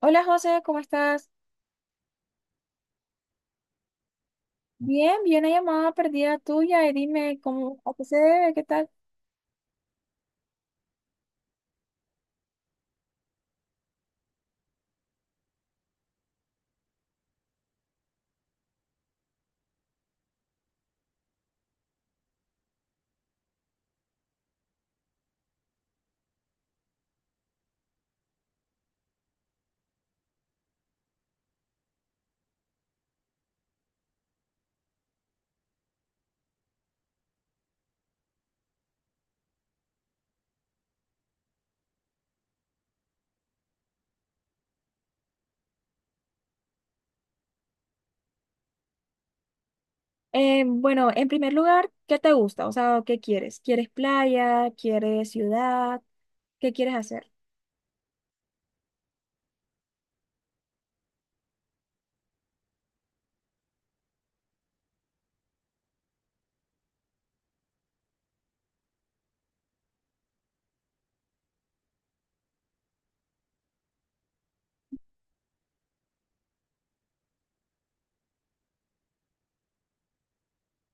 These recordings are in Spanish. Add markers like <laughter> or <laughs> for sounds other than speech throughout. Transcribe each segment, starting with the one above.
Hola José, ¿cómo estás? Bien, vi una llamada perdida tuya y dime cómo, a qué se debe, qué tal. Bueno, en primer lugar, ¿qué te gusta? O sea, ¿qué quieres? ¿Quieres playa? ¿Quieres ciudad? ¿Qué quieres hacer?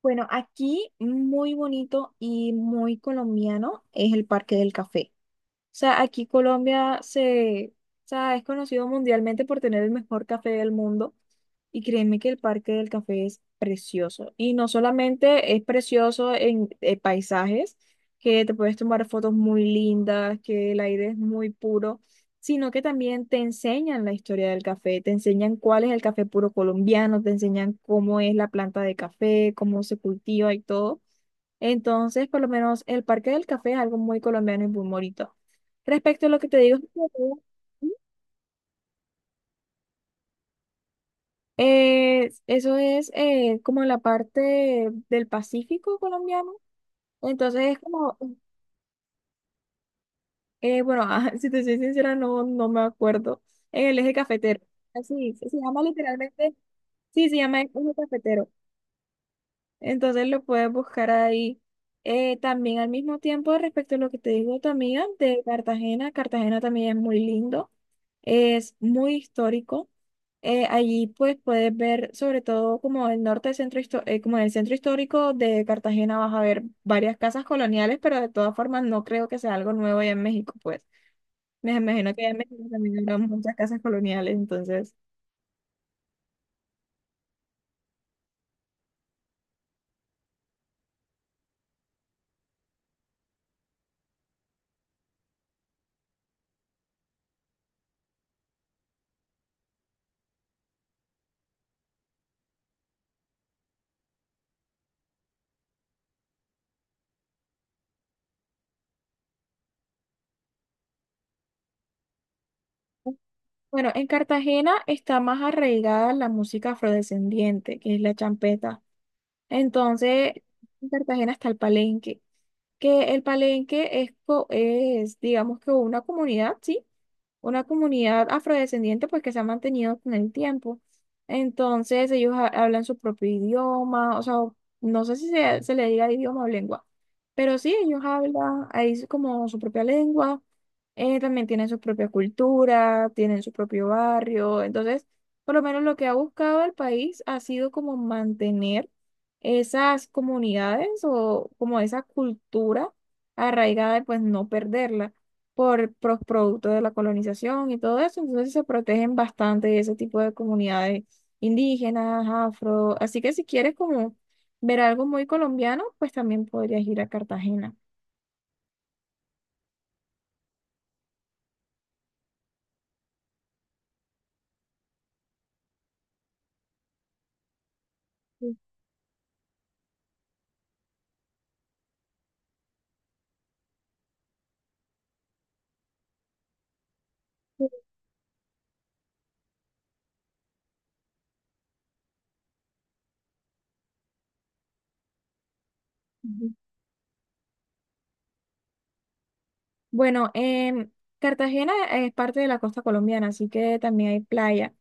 Bueno, aquí muy bonito y muy colombiano es el Parque del Café. O sea, aquí Colombia, o sea, es conocido mundialmente por tener el mejor café del mundo. Y créeme que el Parque del Café es precioso. Y no solamente es precioso en paisajes, que te puedes tomar fotos muy lindas, que el aire es muy puro, sino que también te enseñan la historia del café, te enseñan cuál es el café puro colombiano, te enseñan cómo es la planta de café, cómo se cultiva y todo. Entonces, por lo menos el Parque del Café es algo muy colombiano y muy bonito. Respecto a lo que te digo. <laughs> Eso es como la parte del Pacífico colombiano. Entonces es como, bueno, <laughs> ah, si te soy sincera, no, no me acuerdo. En el eje cafetero. Así, se llama literalmente, sí, se llama eje cafetero. Entonces lo puedes buscar ahí. También al mismo tiempo, respecto a lo que te digo tu amiga de Cartagena. Cartagena también es muy lindo. Es muy histórico. Allí pues puedes ver sobre todo como el norte del centro histo- como en el centro histórico de Cartagena vas a ver varias casas coloniales, pero de todas formas no creo que sea algo nuevo allá en México, pues. Me imagino que allá en México también habrá muchas casas coloniales, entonces. Bueno, en Cartagena está más arraigada la música afrodescendiente, que es la champeta. Entonces, en Cartagena está el Palenque, que el Palenque es, digamos que una comunidad, ¿sí? Una comunidad afrodescendiente, pues que se ha mantenido con el tiempo. Entonces, ellos hablan su propio idioma, o sea, no sé si se le diga idioma o lengua, pero sí, ellos hablan ahí como su propia lengua, también tienen su propia cultura, tienen su propio barrio, entonces, por lo menos lo que ha buscado el país ha sido como mantener esas comunidades o como esa cultura arraigada de pues no perderla por producto de la colonización y todo eso. Entonces se protegen bastante ese tipo de comunidades indígenas, afro. Así que si quieres como ver algo muy colombiano, pues también podrías ir a Cartagena. Ujú. Bueno, Cartagena es parte de la costa colombiana, así que también hay playa.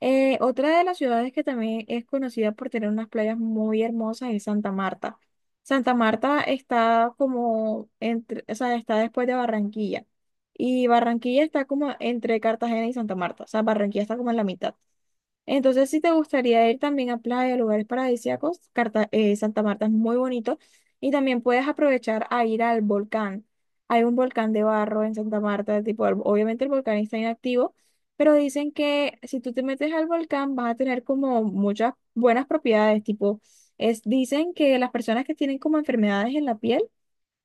Otra de las ciudades que también es conocida por tener unas playas muy hermosas es Santa Marta. Santa Marta está como o sea, está después de Barranquilla. Y Barranquilla está como entre Cartagena y Santa Marta. O sea, Barranquilla está como en la mitad. Entonces, si te gustaría ir también a playa, lugares paradisíacos, Santa Marta es muy bonito y también puedes aprovechar a ir al volcán. Hay un volcán de barro en Santa Marta, tipo, obviamente el volcán está inactivo, pero dicen que si tú te metes al volcán vas a tener como muchas buenas propiedades, tipo, dicen que las personas que tienen como enfermedades en la piel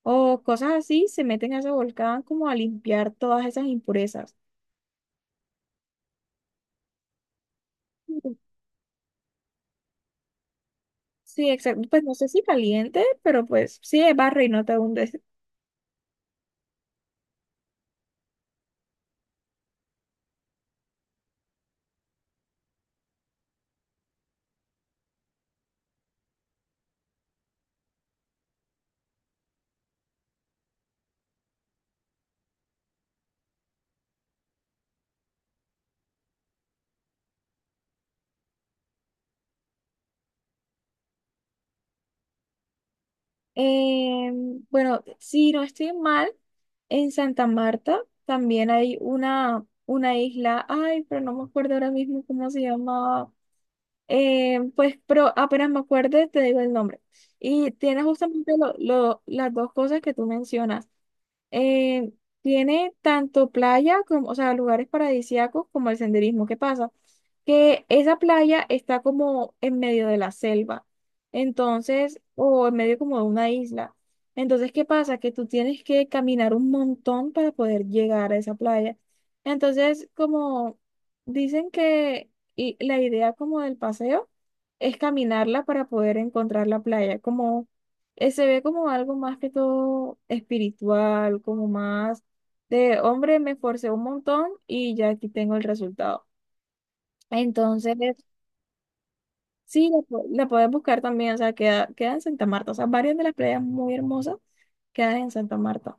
o cosas así se meten a ese volcán como a limpiar todas esas impurezas. Sí, exacto. Pues no sé si caliente, pero pues sí, barre y no te hundes. Eh, bueno, si no estoy mal, en Santa Marta también hay una isla, ay, pero no me acuerdo ahora mismo cómo se llamaba. Pues, pero apenas me acuerde, te digo el nombre. Y tiene justamente las dos cosas que tú mencionas. eh, Tiene tanto playa como, o sea, lugares paradisíacos como el senderismo. ¿Qué pasa? Que esa playa está como en medio de la selva, entonces, o en medio como de una isla. Entonces, ¿qué pasa? Que tú tienes que caminar un montón para poder llegar a esa playa. Entonces, como dicen que y la idea como del paseo es caminarla para poder encontrar la playa, como se ve como algo más que todo espiritual, como más de hombre, me esforcé un montón y ya aquí tengo el resultado. Entonces, sí, la puedes buscar también, o sea, queda en Santa Marta, o sea, varias de las playas muy hermosas quedan en Santa Marta.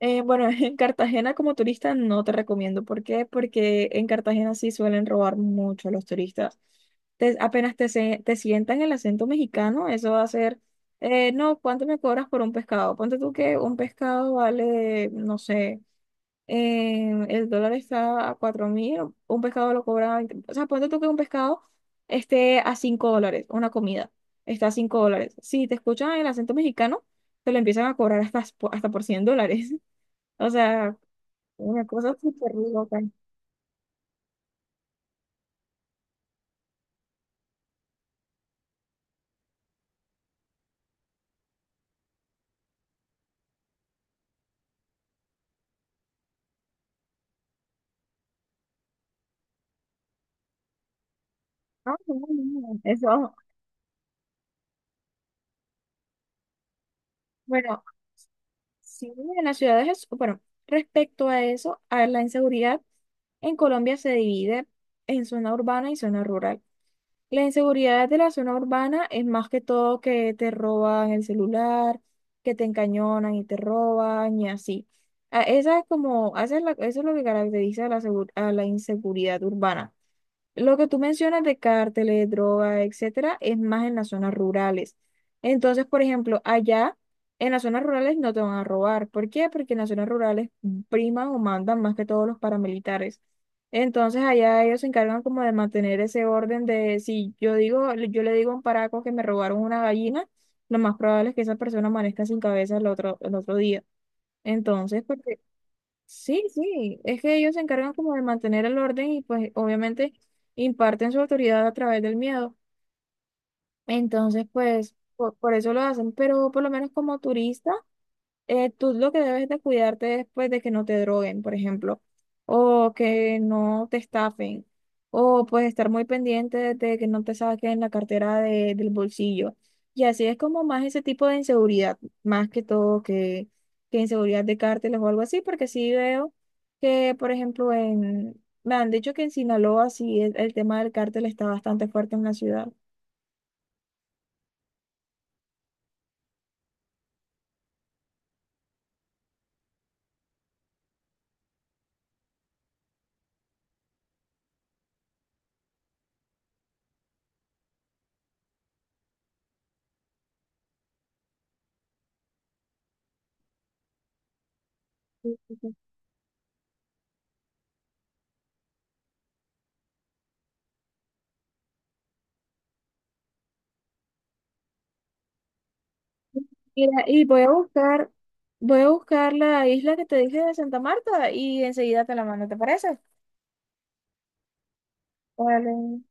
Bueno, <laughs> en Cartagena como turista no te recomiendo. ¿Por qué? Porque en Cartagena sí suelen robar mucho a los turistas. Apenas te sientan el acento mexicano, eso va a ser, no, ¿cuánto me cobras por un pescado? Ponte tú que un pescado vale, no sé, el dólar está a 4.000, un pescado lo cobra, 20 o sea, ponte tú que un pescado esté a $5, una comida, está a $5. Si te escuchan el acento mexicano, te lo empiezan a cobrar hasta por $100. O sea, una cosa súper loca. Ah, no, no, no, eso, bueno, sí, en las ciudades es, bueno, respecto a eso, a la inseguridad, en Colombia se divide en zona urbana y zona rural. La inseguridad de la zona urbana es más que todo que te roban el celular, que te encañonan y te roban y así. Ah, esa es como, eso es lo que caracteriza a a la inseguridad urbana. Lo que tú mencionas de cárteles, drogas, etcétera, es más en las zonas rurales. Entonces, por ejemplo, allá en las zonas rurales no te van a robar. ¿Por qué? Porque en las zonas rurales priman o mandan más que todos los paramilitares. Entonces, allá ellos se encargan como de mantener ese orden de si yo le digo a un paraco que me robaron una gallina, lo más probable es que esa persona amanezca sin cabeza el otro día. Entonces, porque Sí, sí, es que ellos se encargan como de mantener el orden y pues obviamente imparten su autoridad a través del miedo. Entonces, pues eso lo hacen, pero por lo menos como turista, tú lo que debes de cuidarte es pues, de que no te droguen, por ejemplo, o que no te estafen, o pues estar muy pendiente de que no te saquen la cartera del bolsillo. Y así es como más ese tipo de inseguridad, más que todo que inseguridad de cárteles o algo así, porque sí veo que, por ejemplo, me han dicho que en Sinaloa sí el tema del cártel está bastante fuerte en la ciudad. Mira, y voy a buscar la isla que te dije de Santa Marta y enseguida te la mando, ¿te parece? Vale,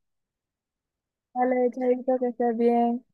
vale, chavito, que estés bien.